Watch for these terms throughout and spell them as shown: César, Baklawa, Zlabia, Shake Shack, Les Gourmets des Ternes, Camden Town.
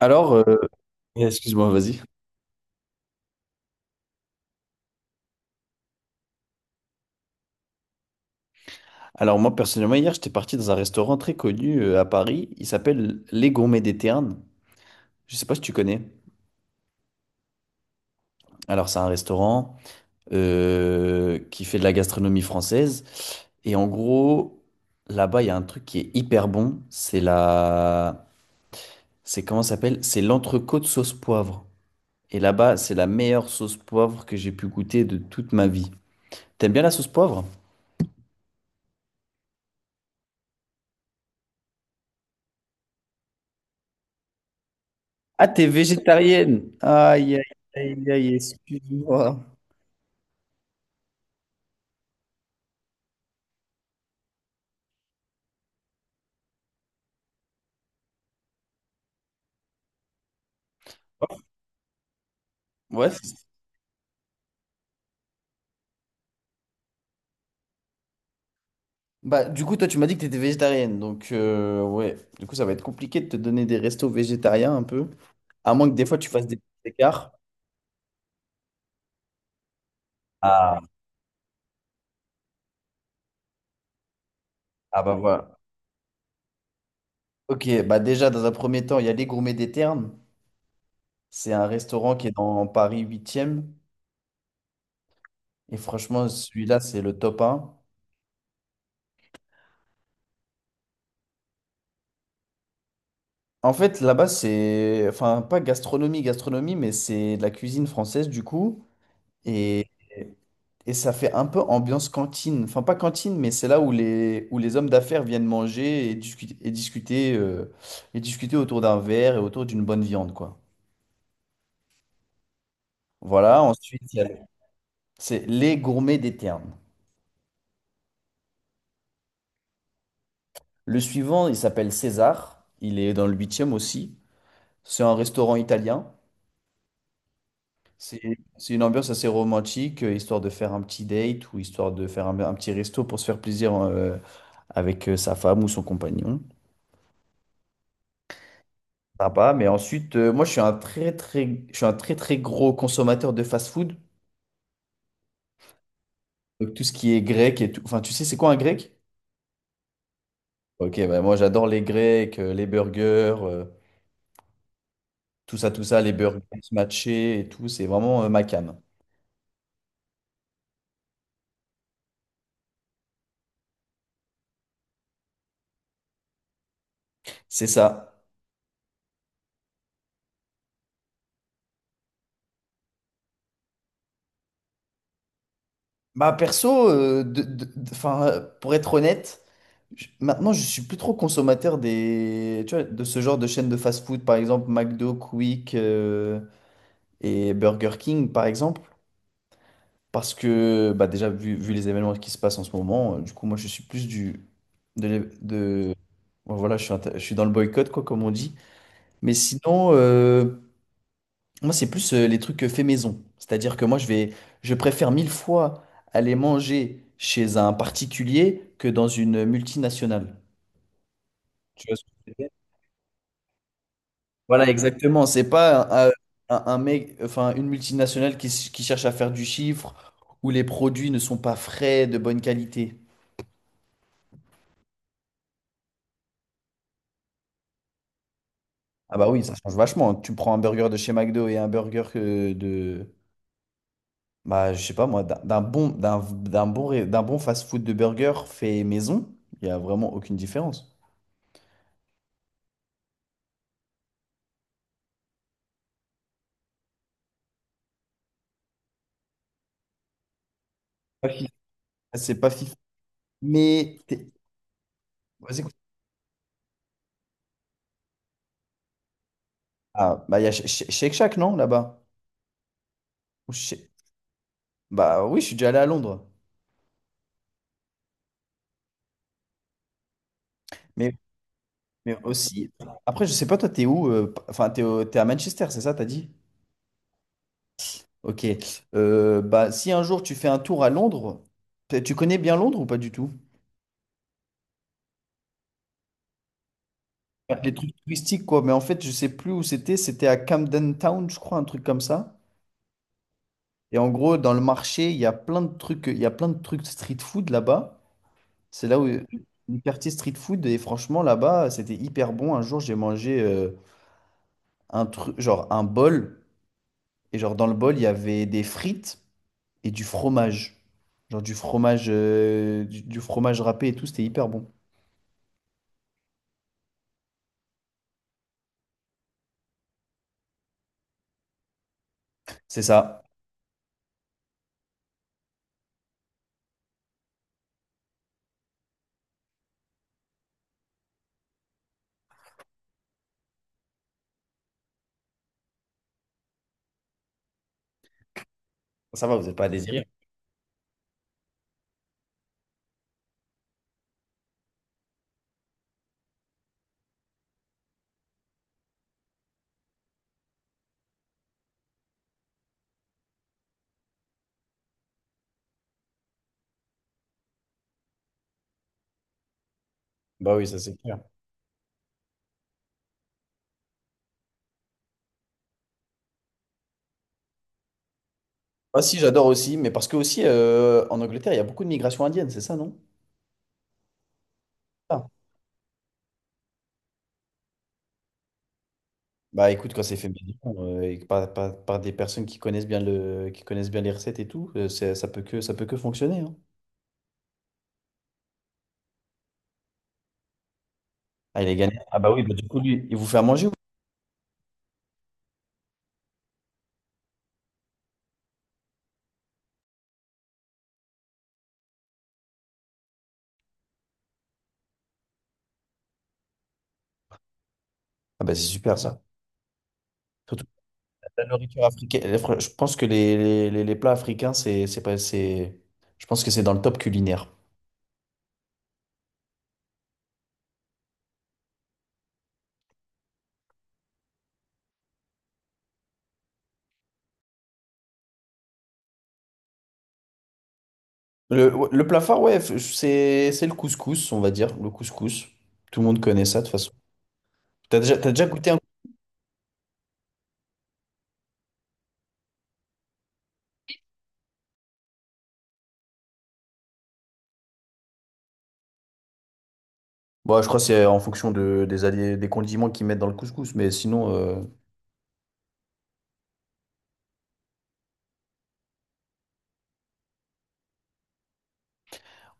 Alors, excuse-moi, vas-y. Alors moi, personnellement, hier, j'étais parti dans un restaurant très connu à Paris. Il s'appelle Les Gourmets des Ternes. Je sais pas si tu connais. Alors, c'est un restaurant qui fait de la gastronomie française. Et en gros, là-bas, il y a un truc qui est hyper bon. C'est la... C'est comment ça s'appelle? C'est l'entrecôte sauce poivre. Et là-bas, c'est la meilleure sauce poivre que j'ai pu goûter de toute ma vie. T'aimes bien la sauce poivre? Ah, t'es végétarienne. Aïe, aïe, aïe, aïe, excuse-moi. Ouais. Bah, du coup, toi, tu m'as dit que t'étais végétarienne. Donc, ouais. Du coup, ça va être compliqué de te donner des restos végétariens un peu. À moins que des fois, tu fasses des petits écarts. Ah, ah bah voilà. Ok, bah déjà, dans un premier temps, il y a les Gourmets des Ternes. C'est un restaurant qui est dans Paris huitième. Et franchement, celui-là, c'est le top 1. En fait, là-bas, c'est... Enfin, pas gastronomie, gastronomie, mais c'est de la cuisine française, du coup. Et, et ça fait un peu ambiance cantine. Enfin, pas cantine, mais c'est là où les hommes d'affaires viennent manger et discuter, et discuter, et discuter autour d'un verre et autour d'une bonne viande, quoi. Voilà, ensuite, il y a c'est les gourmets des Ternes. Le suivant, il s'appelle César. Il est dans le huitième aussi. C'est un restaurant italien. C'est c'est une ambiance assez romantique, histoire de faire un petit date ou histoire de faire un petit resto pour se faire plaisir avec sa femme ou son compagnon. Sympa. Mais ensuite, moi, je suis un très, très gros consommateur de fast-food. Donc, tout ce qui est grec et tout. Enfin, tu sais, c'est quoi un grec? Ok, bah, moi, j'adore les grecs, les burgers, tout ça, les burgers matchés et tout. C'est vraiment ma came. C'est ça. Bah, perso, 'fin, pour être honnête, maintenant, je suis plus trop consommateur des, tu vois, de ce genre de chaînes de fast-food, par exemple, McDo, Quick, et Burger King, par exemple. Parce que bah déjà, vu les événements qui se passent en ce moment, du coup, moi, je suis plus du... De, l'é- de- bon, voilà, je suis dans le boycott, quoi, comme on dit. Mais sinon, moi, c'est plus les trucs faits maison. C'est-à-dire que moi, je préfère mille fois aller manger chez un particulier que dans une multinationale. Tu vois ce que je veux dire. Voilà, exactement. C'est pas un, un mec, enfin, une multinationale qui cherche à faire du chiffre, où les produits ne sont pas frais, de bonne qualité. Ah bah oui, ça change vachement. Tu prends un burger de chez McDo et un burger que de... Bah, je sais pas moi, d'un bon, d'un bon fast-food de burger fait maison, il y a vraiment aucune différence. Pas fif. C'est pas fif. Mais... Vas-y, écoute. Ah, bah il y a Shake Shack, non, là-bas? Ou Sh- Bah oui, je suis déjà allé à Londres. Mais, mais aussi... Après, je sais pas, toi, t'es où? Enfin, t'es à Manchester, c'est ça, t'as dit? Ok. Bah, si un jour tu fais un tour à Londres, tu connais bien Londres ou pas du tout? Ouais, les trucs touristiques, quoi. Mais en fait, je sais plus où c'était. C'était à Camden Town, je crois, un truc comme ça. Et en gros, dans le marché, il y a plein de trucs street food là-bas. C'est là où le quartier street food. Et franchement, là-bas, c'était hyper bon. Un jour, j'ai mangé un truc, genre un bol. Et genre, dans le bol, il y avait des frites et du fromage. Genre du fromage, du fromage râpé et tout. C'était hyper bon. C'est ça. Ça va, vous n'êtes pas désiré. Bah oui, ça c'est clair. Ah si, j'adore aussi, mais parce que aussi en Angleterre, il y a beaucoup de migration indienne, c'est ça, non? Ah. Bah écoute, quand c'est fait maison, et que par des personnes qui connaissent bien le, qui connaissent bien les recettes et tout, ça peut que fonctionner, hein. Ah, il est gagné. Ah bah oui, bah, du coup, lui, il vous fait à manger ou Ah bah c'est super ça. Surtout la nourriture africaine. Les fr- Je pense que les plats africains, c'est pas, c'est, je pense que c'est dans le top culinaire. Le, ouais, le plat phare, ouais, c'est le couscous, on va dire, le couscous. Tout le monde connaît ça de toute façon. T'as déjà goûté? Bon, je crois que c'est en fonction de, des, alliés, des condiments qu'ils mettent dans le couscous, mais sinon,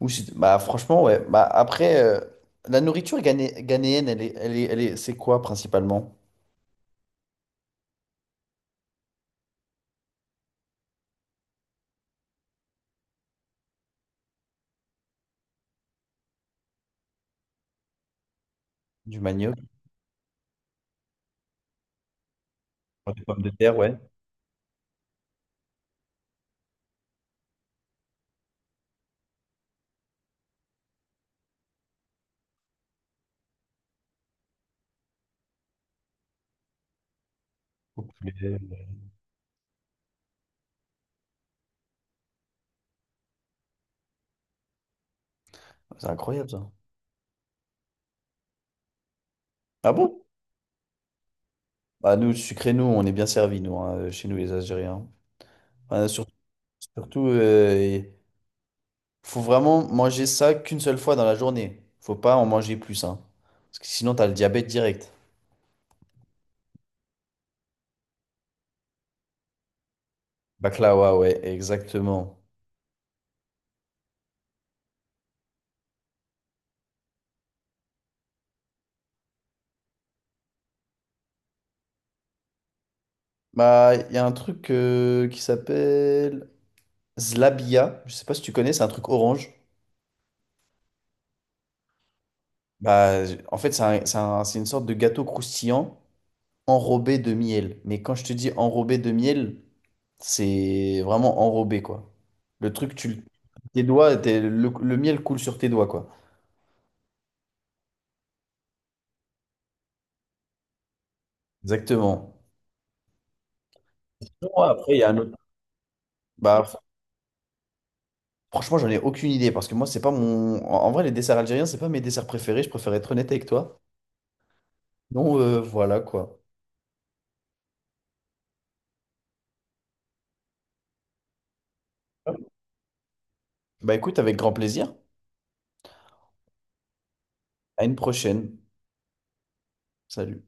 ou si- bah, franchement, ouais. Bah, après, la nourriture ghané- ghanéenne, elle est, c'est quoi principalement? Du manioc, des pommes de terre, ouais. Au poulet, c'est incroyable ça. Ah bon? Bah, nous, sucrés, nous, on est bien servis, nous, hein, chez nous, les Algériens. Enfin, surtout, surtout faut vraiment manger ça qu'une seule fois dans la journée. Faut pas en manger plus, hein. Parce que sinon, t'as le diabète direct. Baklawa, ouais, exactement. Bah, il y a un truc qui s'appelle Zlabia. Je sais pas si tu connais, c'est un truc orange. Bah, en fait, c'est une sorte de gâteau croustillant enrobé de miel. Mais quand je te dis enrobé de miel, c'est vraiment enrobé, quoi. Le truc, tu le- tes doigts, le miel coule sur tes doigts, quoi. Exactement. Sinon, après, il y a un autre. Bah, franchement, j'en ai aucune idée parce que moi, c'est pas mon. En en vrai, les desserts algériens, c'est pas mes desserts préférés. Je préfère être honnête avec toi. Donc, voilà, quoi. Bah écoute, avec grand plaisir. À une prochaine. Salut.